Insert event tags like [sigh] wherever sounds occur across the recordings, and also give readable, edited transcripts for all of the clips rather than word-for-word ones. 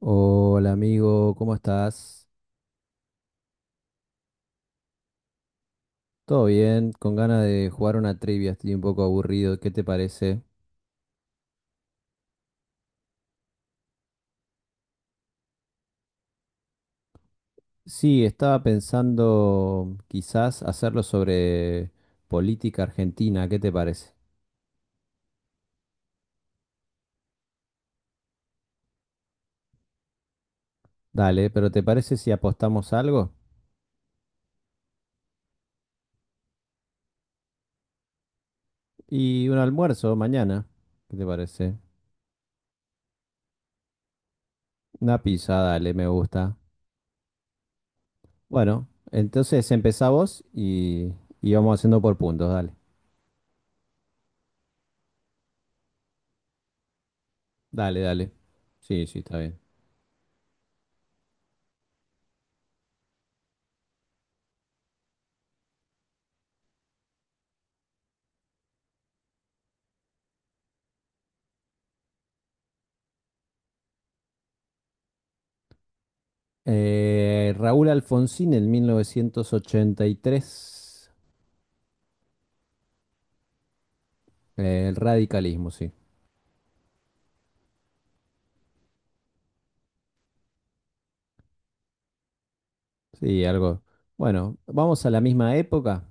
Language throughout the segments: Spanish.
Hola amigo, ¿cómo estás? ¿Todo bien? Con ganas de jugar una trivia, estoy un poco aburrido, ¿qué te parece? Sí, estaba pensando quizás hacerlo sobre política argentina, ¿qué te parece? Dale, pero ¿te parece si apostamos algo? Y un almuerzo mañana, ¿qué te parece? Una pizza, dale, me gusta. Bueno, entonces empezá vos y vamos haciendo por puntos, dale. Dale, dale. Sí, sí, está bien. Raúl Alfonsín en 1983, el radicalismo, sí. Sí, algo. Bueno, vamos a la misma época,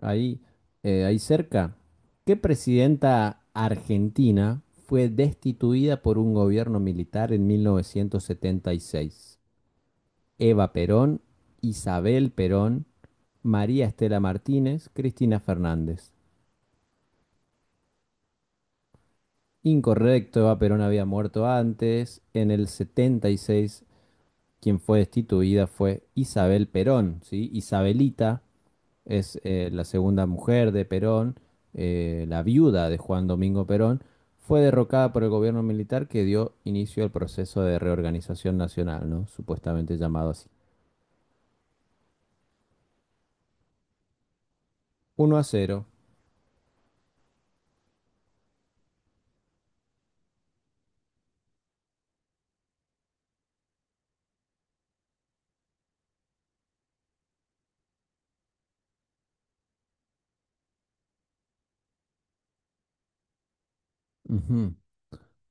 ahí, ahí cerca. ¿Qué presidenta argentina fue destituida por un gobierno militar en 1976? Eva Perón, Isabel Perón, María Estela Martínez, Cristina Fernández. Incorrecto, Eva Perón había muerto antes, en el 76. Quien fue destituida fue Isabel Perón, ¿sí? Isabelita es la segunda mujer de Perón, la viuda de Juan Domingo Perón, fue derrocada por el gobierno militar que dio inicio al proceso de reorganización nacional, ¿no? Supuestamente llamado así. Uno a cero. Ujú.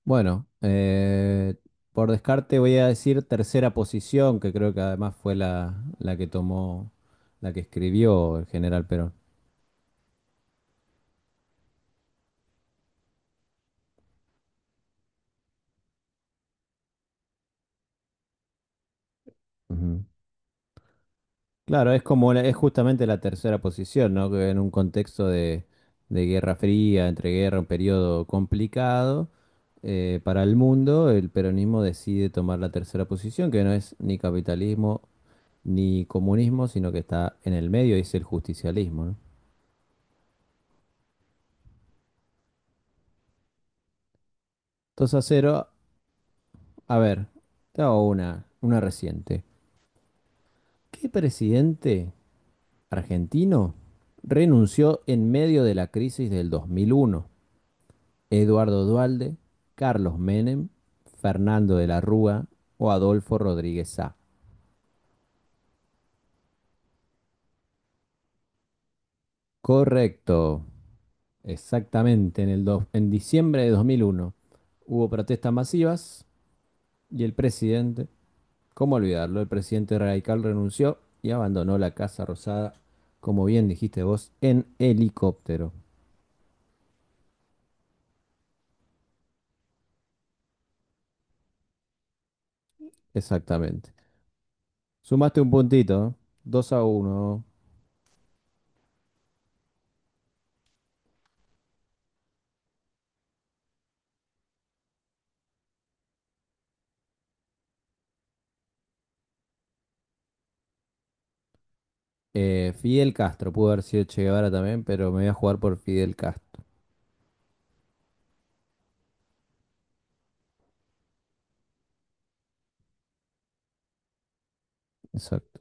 Bueno, por descarte voy a decir tercera posición, que creo que además fue la que tomó, la que escribió el general Perón. Ujú. Claro, es como la- es justamente la tercera posición, ¿no? Que en un contexto de Guerra Fría, entre guerra, un periodo complicado para el mundo, el peronismo decide tomar la tercera posición, que no es ni capitalismo ni comunismo, sino que está en el medio y es el justicialismo, ¿no? 2 a cero. A ver, te hago una reciente. ¿Qué presidente argentino renunció en medio de la crisis del 2001? Eduardo Duhalde, Carlos Menem, Fernando de la Rúa o Adolfo Rodríguez Sá. Correcto, exactamente, en, en diciembre de 2001 hubo protestas masivas y el presidente, ¿cómo olvidarlo? El presidente radical renunció y abandonó la Casa Rosada, como bien dijiste vos, en helicóptero. Exactamente. Sumaste un puntito, ¿eh? Dos a 1. Fidel Castro, pudo haber sido Che Guevara también, pero me voy a jugar por Fidel Castro. Exacto,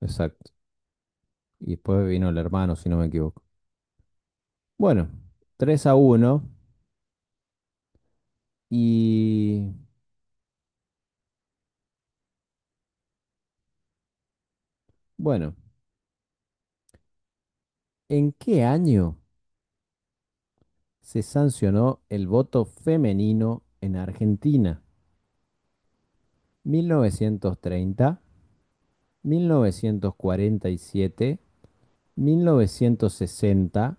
exacto. Y después vino el hermano, si no me equivoco. Bueno, tres a uno. Y bueno, ¿en qué año se sancionó el voto femenino en Argentina? ¿Mil novecientos treinta, mil novecientos cuarenta y siete, mil novecientos sesenta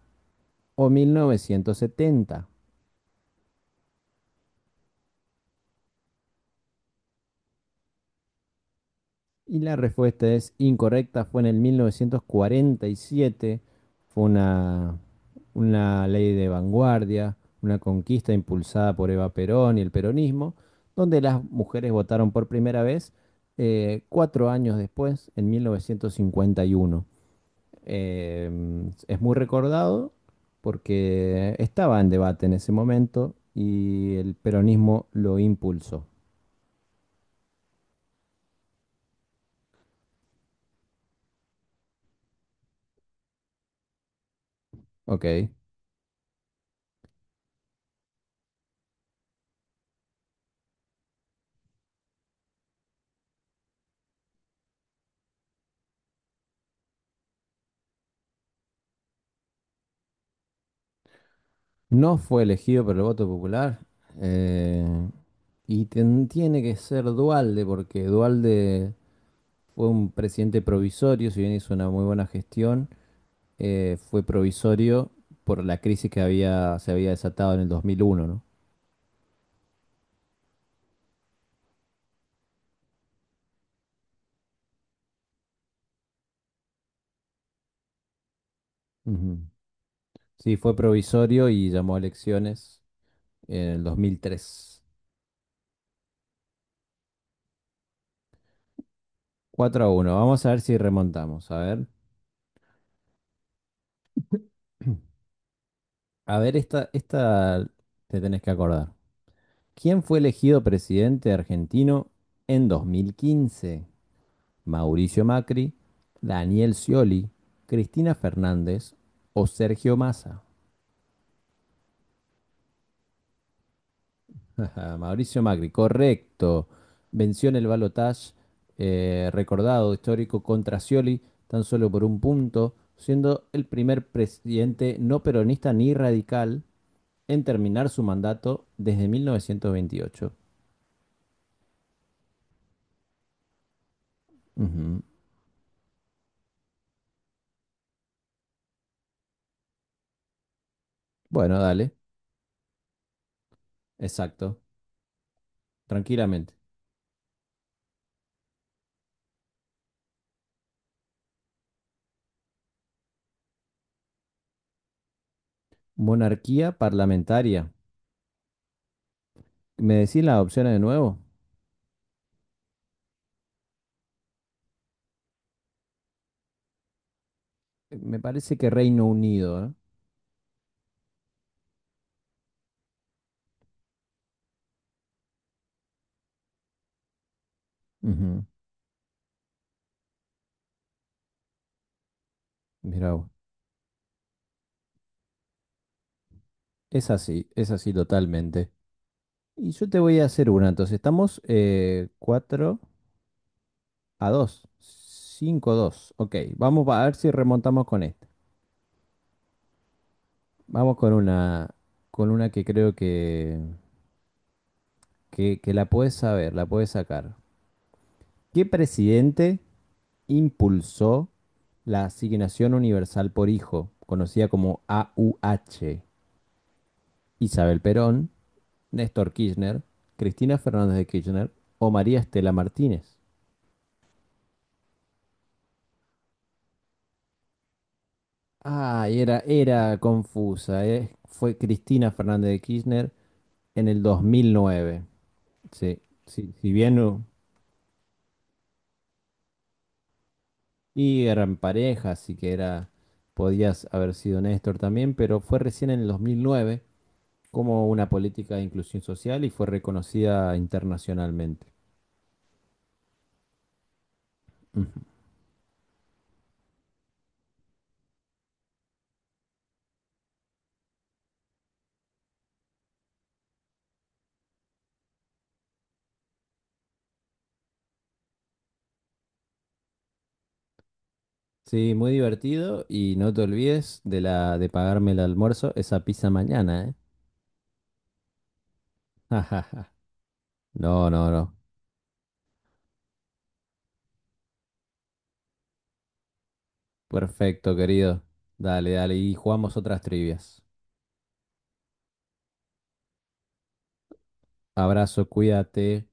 o 1970? Y la respuesta es incorrecta, fue en el 1947, fue una ley de vanguardia, una conquista impulsada por Eva Perón y el peronismo, donde las mujeres votaron por primera vez cuatro años después, en 1951. Eh, es muy recordado porque estaba en debate en ese momento y el peronismo lo impulsó. Ok. No fue elegido por el voto popular eh, y ten- tiene que ser Dualde porque Dualde fue un presidente provisorio, si bien hizo una muy buena gestión, fue provisorio por la crisis que había, se había desatado en el 2001, ¿no? Ujú. Sí, fue provisorio y llamó a elecciones en el 2003. Cuatro a uno. Vamos a ver si remontamos, a ver. [clears throat] A ver, esta te tenés que acordar. ¿Quién fue elegido presidente argentino en 2015? Mauricio Macri, Daniel Scioli, Cristina Fernández o Sergio Massa. [laughs] Mauricio Macri, correcto. Venció en el balotaje recordado histórico contra Scioli tan solo por un punto, siendo el primer presidente no peronista ni radical en terminar su mandato desde 1928. Ujú. Bueno, dale, exacto, tranquilamente. Monarquía parlamentaria. ¿Me decís las opciones de nuevo? Me parece que Reino Unido, ¿eh? Ujú. Mirá vos. Es así totalmente. Y yo te voy a hacer una, entonces estamos 4 a 2, 5 a 2. Ok, vamos a ver si remontamos con esta. Vamos con una que creo que la puedes saber, la puedes sacar. ¿Qué presidente impulsó la Asignación Universal por Hijo, conocida como AUH, Isabel Perón, Néstor Kirchner, Cristina Fernández de Kirchner o María Estela Martínez? Ah, era confusa. Fue Cristina Fernández de Kirchner en el 2009. Sí, sí, si bien... y eran pareja, así que era... Podías haber sido Néstor también, pero fue recién en el 2009 como una política de inclusión social y fue reconocida internacionalmente. Ujú. Sí, muy divertido y no te olvides de la de pagarme el almuerzo, esa pizza mañana, ¿eh? [laughs] No, no, no. Perfecto, querido. Dale, dale y jugamos otras trivias. Abrazo, cuídate.